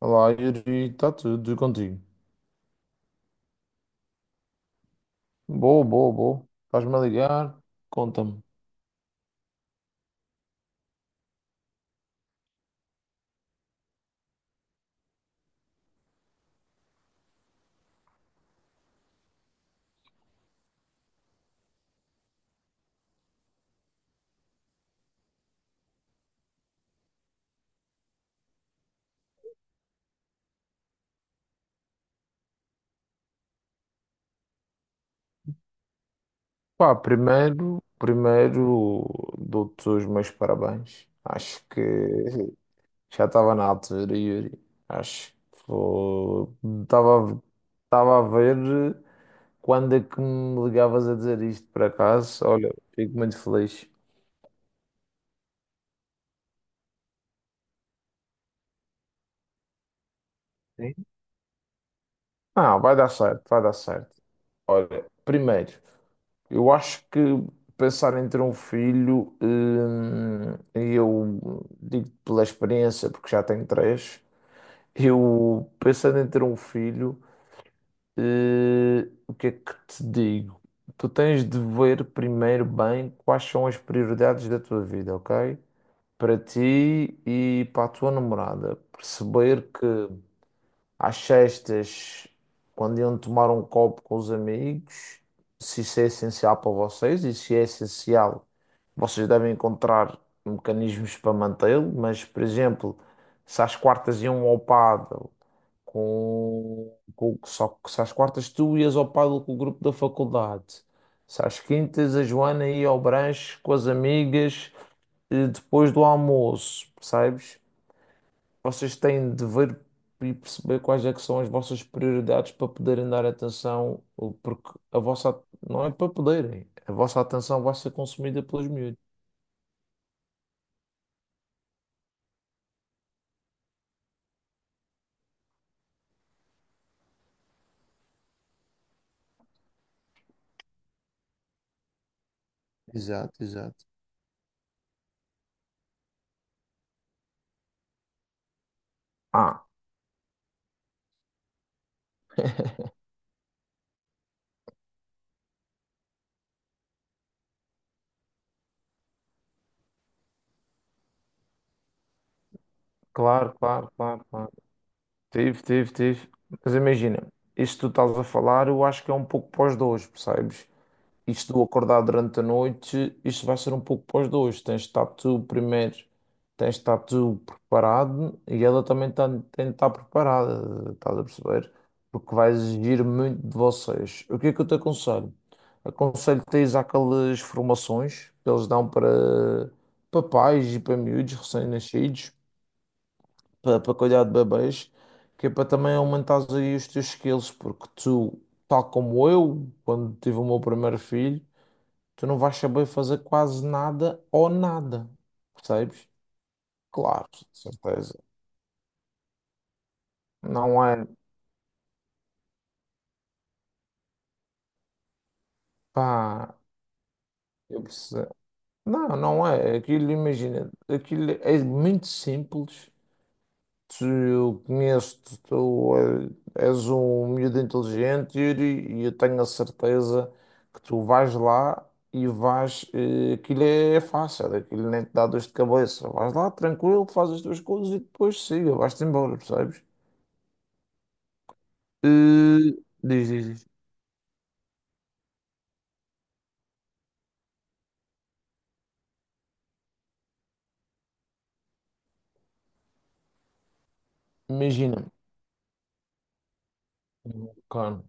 Olá, Yuri, está tudo e contigo? Boa, boa, boa. Estás-me a ligar? Conta-me. Pá, primeiro dou-te os meus parabéns. Acho que já estava na altura, Yuri. Acho que estava estava a ver quando é que me ligavas a dizer isto por acaso. Olha, fico muito feliz. Sim. Ah, vai dar certo, vai dar certo. Olha, primeiro, eu acho que pensar em ter um filho, eu digo pela experiência, porque já tenho três, eu pensando em ter um filho, o que é que te digo? Tu tens de ver primeiro bem quais são as prioridades da tua vida, ok? Para ti e para a tua namorada. Perceber que às sextas, quando iam tomar um copo com os amigos, se isso é essencial para vocês e se é essencial, vocês devem encontrar mecanismos para mantê-lo, mas, por exemplo, se às quartas iam ao pádel só que se às quartas tu ias ao pádel com o grupo da faculdade, se às quintas a Joana ia ao branche com as amigas depois do almoço, percebes? Vocês têm de ver e perceber quais é que são as vossas prioridades para poderem dar atenção, ou porque a vossa não é para poderem, a vossa atenção vai ser consumida pelos miúdos. Exato, exato. Ah, claro, claro, claro, claro. Tive, tive, tive. Mas imagina, isto que tu estás a falar, eu acho que é um pouco pós dois, percebes? Isto do acordar durante a noite, isto vai ser um pouco para os dois. Tens de estar tu primeiro, tens de estar tu preparado e ela também tem de estar preparada, estás a perceber? Porque vai exigir muito de vocês. O que é que eu te aconselho? Aconselho-te a ir àquelas formações que eles dão para pais e para miúdos recém-nascidos, para cuidar de bebês, que é para também aumentares aí os teus skills, porque tu, tal como eu, quando tive o meu primeiro filho, tu não vais saber fazer quase nada ou nada, percebes? Claro, de certeza. Não é, pá, eu percebo. Não, não é. Aquilo, imagina, aquilo é muito simples. Tu, eu conheço-te, tu és um miúdo inteligente, Yuri, e eu tenho a certeza que tu vais lá e vais. Aquilo é fácil, aquilo nem te dá dor de cabeça. Vais lá, tranquilo, fazes as tuas coisas e depois siga, vais-te embora, percebes? Eh, diz, diz, diz. Imagina. Claro,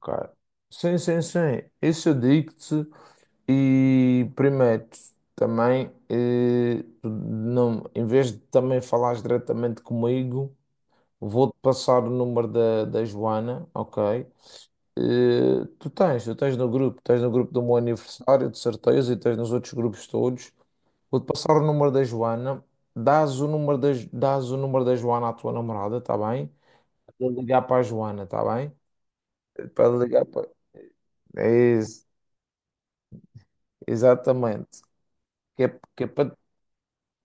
claro. Sim, sim, sim. Isso eu digo-te. E prometo também, tu não, em vez de também falares diretamente comigo, vou-te passar o número da Joana, ok? Tu tens no grupo, tens no grupo do meu aniversário, de certeza, e tens nos outros grupos todos. Vou-te passar o número da Joana. Dás o número da Joana à tua namorada, tá bem? Vou ligar para a Joana, está bem? Para ligar para. É isso, exatamente. Que é, que é para,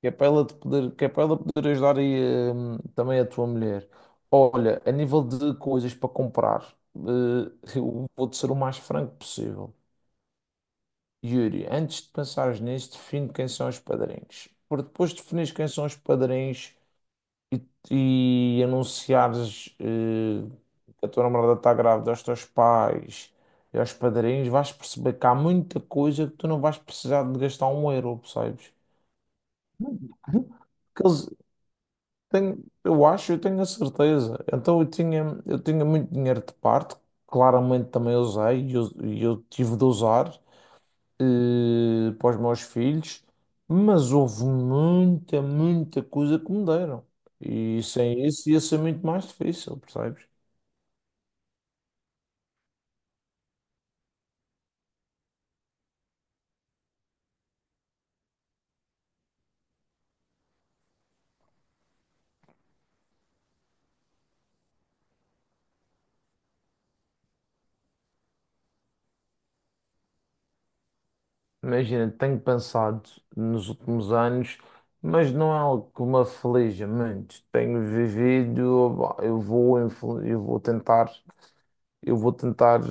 que é para ela poder ajudar aí, também a tua mulher. Olha, a nível de coisas para comprar, eu vou-te ser o mais franco possível. Yuri, antes de pensares nisso, define quem são os padrinhos. Porque depois de definires quem são os padrinhos, e anunciares que a tua namorada está grávida aos teus pais e aos padrinhos, vais perceber que há muita coisa que tu não vais precisar de gastar um euro, percebes? Que eles têm, eu acho, eu tenho a certeza. Então eu tinha muito dinheiro de parte, claramente também usei e eu tive de usar para os meus filhos, mas houve muita, muita coisa que me deram. E sem isso ia ser muito mais difícil, percebes? Imagina, tenho pensado nos últimos anos, mas não é algo que me aflige muito. Tenho vivido, bah, eu vou, influ- eu vou tentar. Eu vou tentar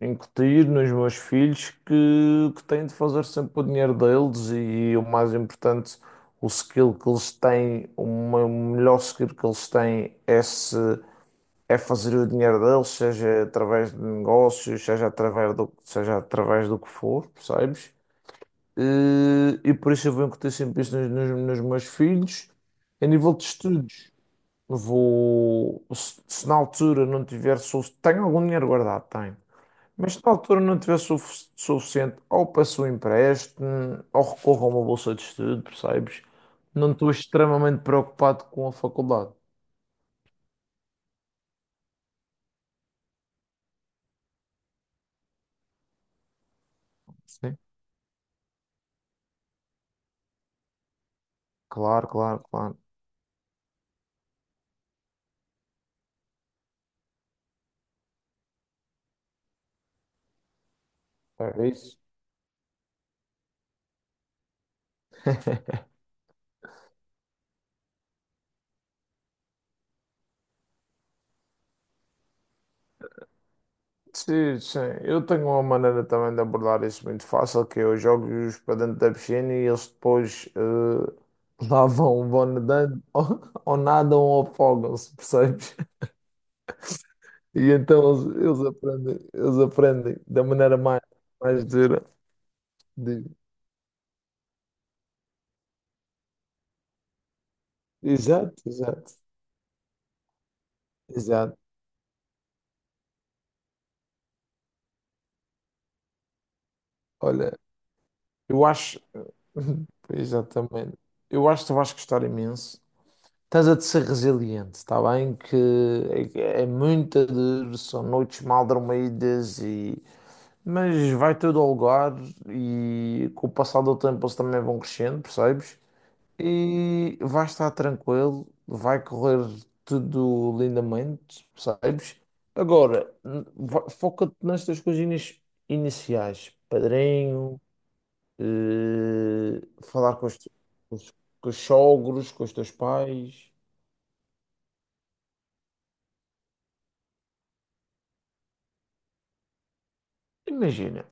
incutir nos meus filhos que têm de fazer sempre o dinheiro deles e o mais importante, o skill que eles têm, o melhor skill que eles têm é, se, é fazer o dinheiro deles, seja através de negócios, seja através do que for, percebes? E por isso eu vou incutir sempre isso nos meus filhos. A nível de estudos, se na altura não tiver, tenho algum dinheiro guardado, tenho. Mas na altura não tivesse suficiente, ou peço um empréstimo, ou recorro a uma bolsa de estudo, percebes? Não estou extremamente preocupado com a faculdade. Sim. Claro, claro, claro. É isso. Sim, sim. Eu tenho uma maneira também de abordar isso muito fácil, que eu jogo-os para dentro da piscina e eles depois lá vão, vão nadando, ou nadam ou afogam-se, percebes? E então eles aprendem da maneira mais, mais dura. Exato, exato, exato. Olha, eu acho. Pois, exatamente. Eu acho que tu vais gostar imenso. Estás a de ser resiliente, está bem? Que é muita dor, são noites mal dormidas e. Mas vai tudo ao lugar e com o passar do tempo eles também vão crescendo, percebes? E vai estar tranquilo, vai correr tudo lindamente, percebes? Agora, foca-te nestas coisinhas iniciais, padrinho, falar com os, com os, com os sogros, com os teus pais. Imagina,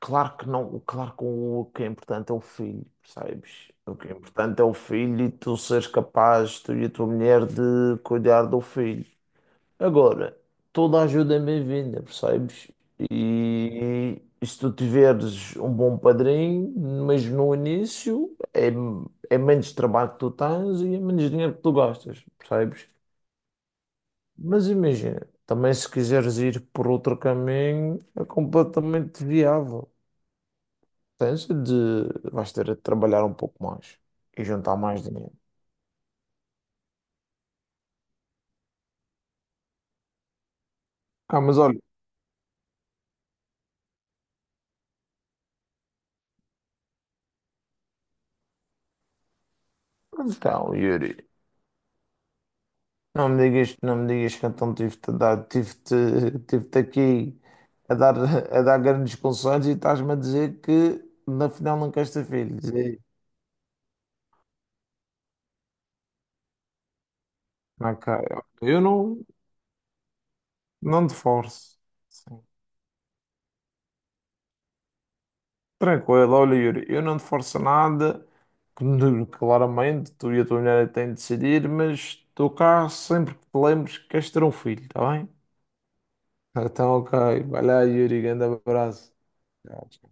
claro que não, claro que o que é importante é o filho, percebes? O que é importante é o filho e tu seres capaz, tu e a tua mulher, de cuidar do filho. Agora, toda a ajuda é bem-vinda, percebes? E se tu tiveres um bom padrinho, mas no início é menos trabalho que tu tens e é menos dinheiro que tu gastas, percebes? Mas imagina, também se quiseres ir por outro caminho, é completamente viável. Tens de, vais ter de trabalhar um pouco mais e juntar mais dinheiro. Ah, mas olha, então, Yuri. Não me digas, não me digas que então tive-te aqui a dar grandes conselhos e estás-me a dizer que na final não queres ter filhos. E, ok, ok. Eu não te forço. Sim. Tranquilo, olha, Yuri, eu não te forço nada. Claro, claramente, tu e a tua mulher é que têm de decidir, mas estou cá sempre que te lembres que queres ter um filho, está bem? Então, ok, vai lá, Yuri, grande abraço. Tchau.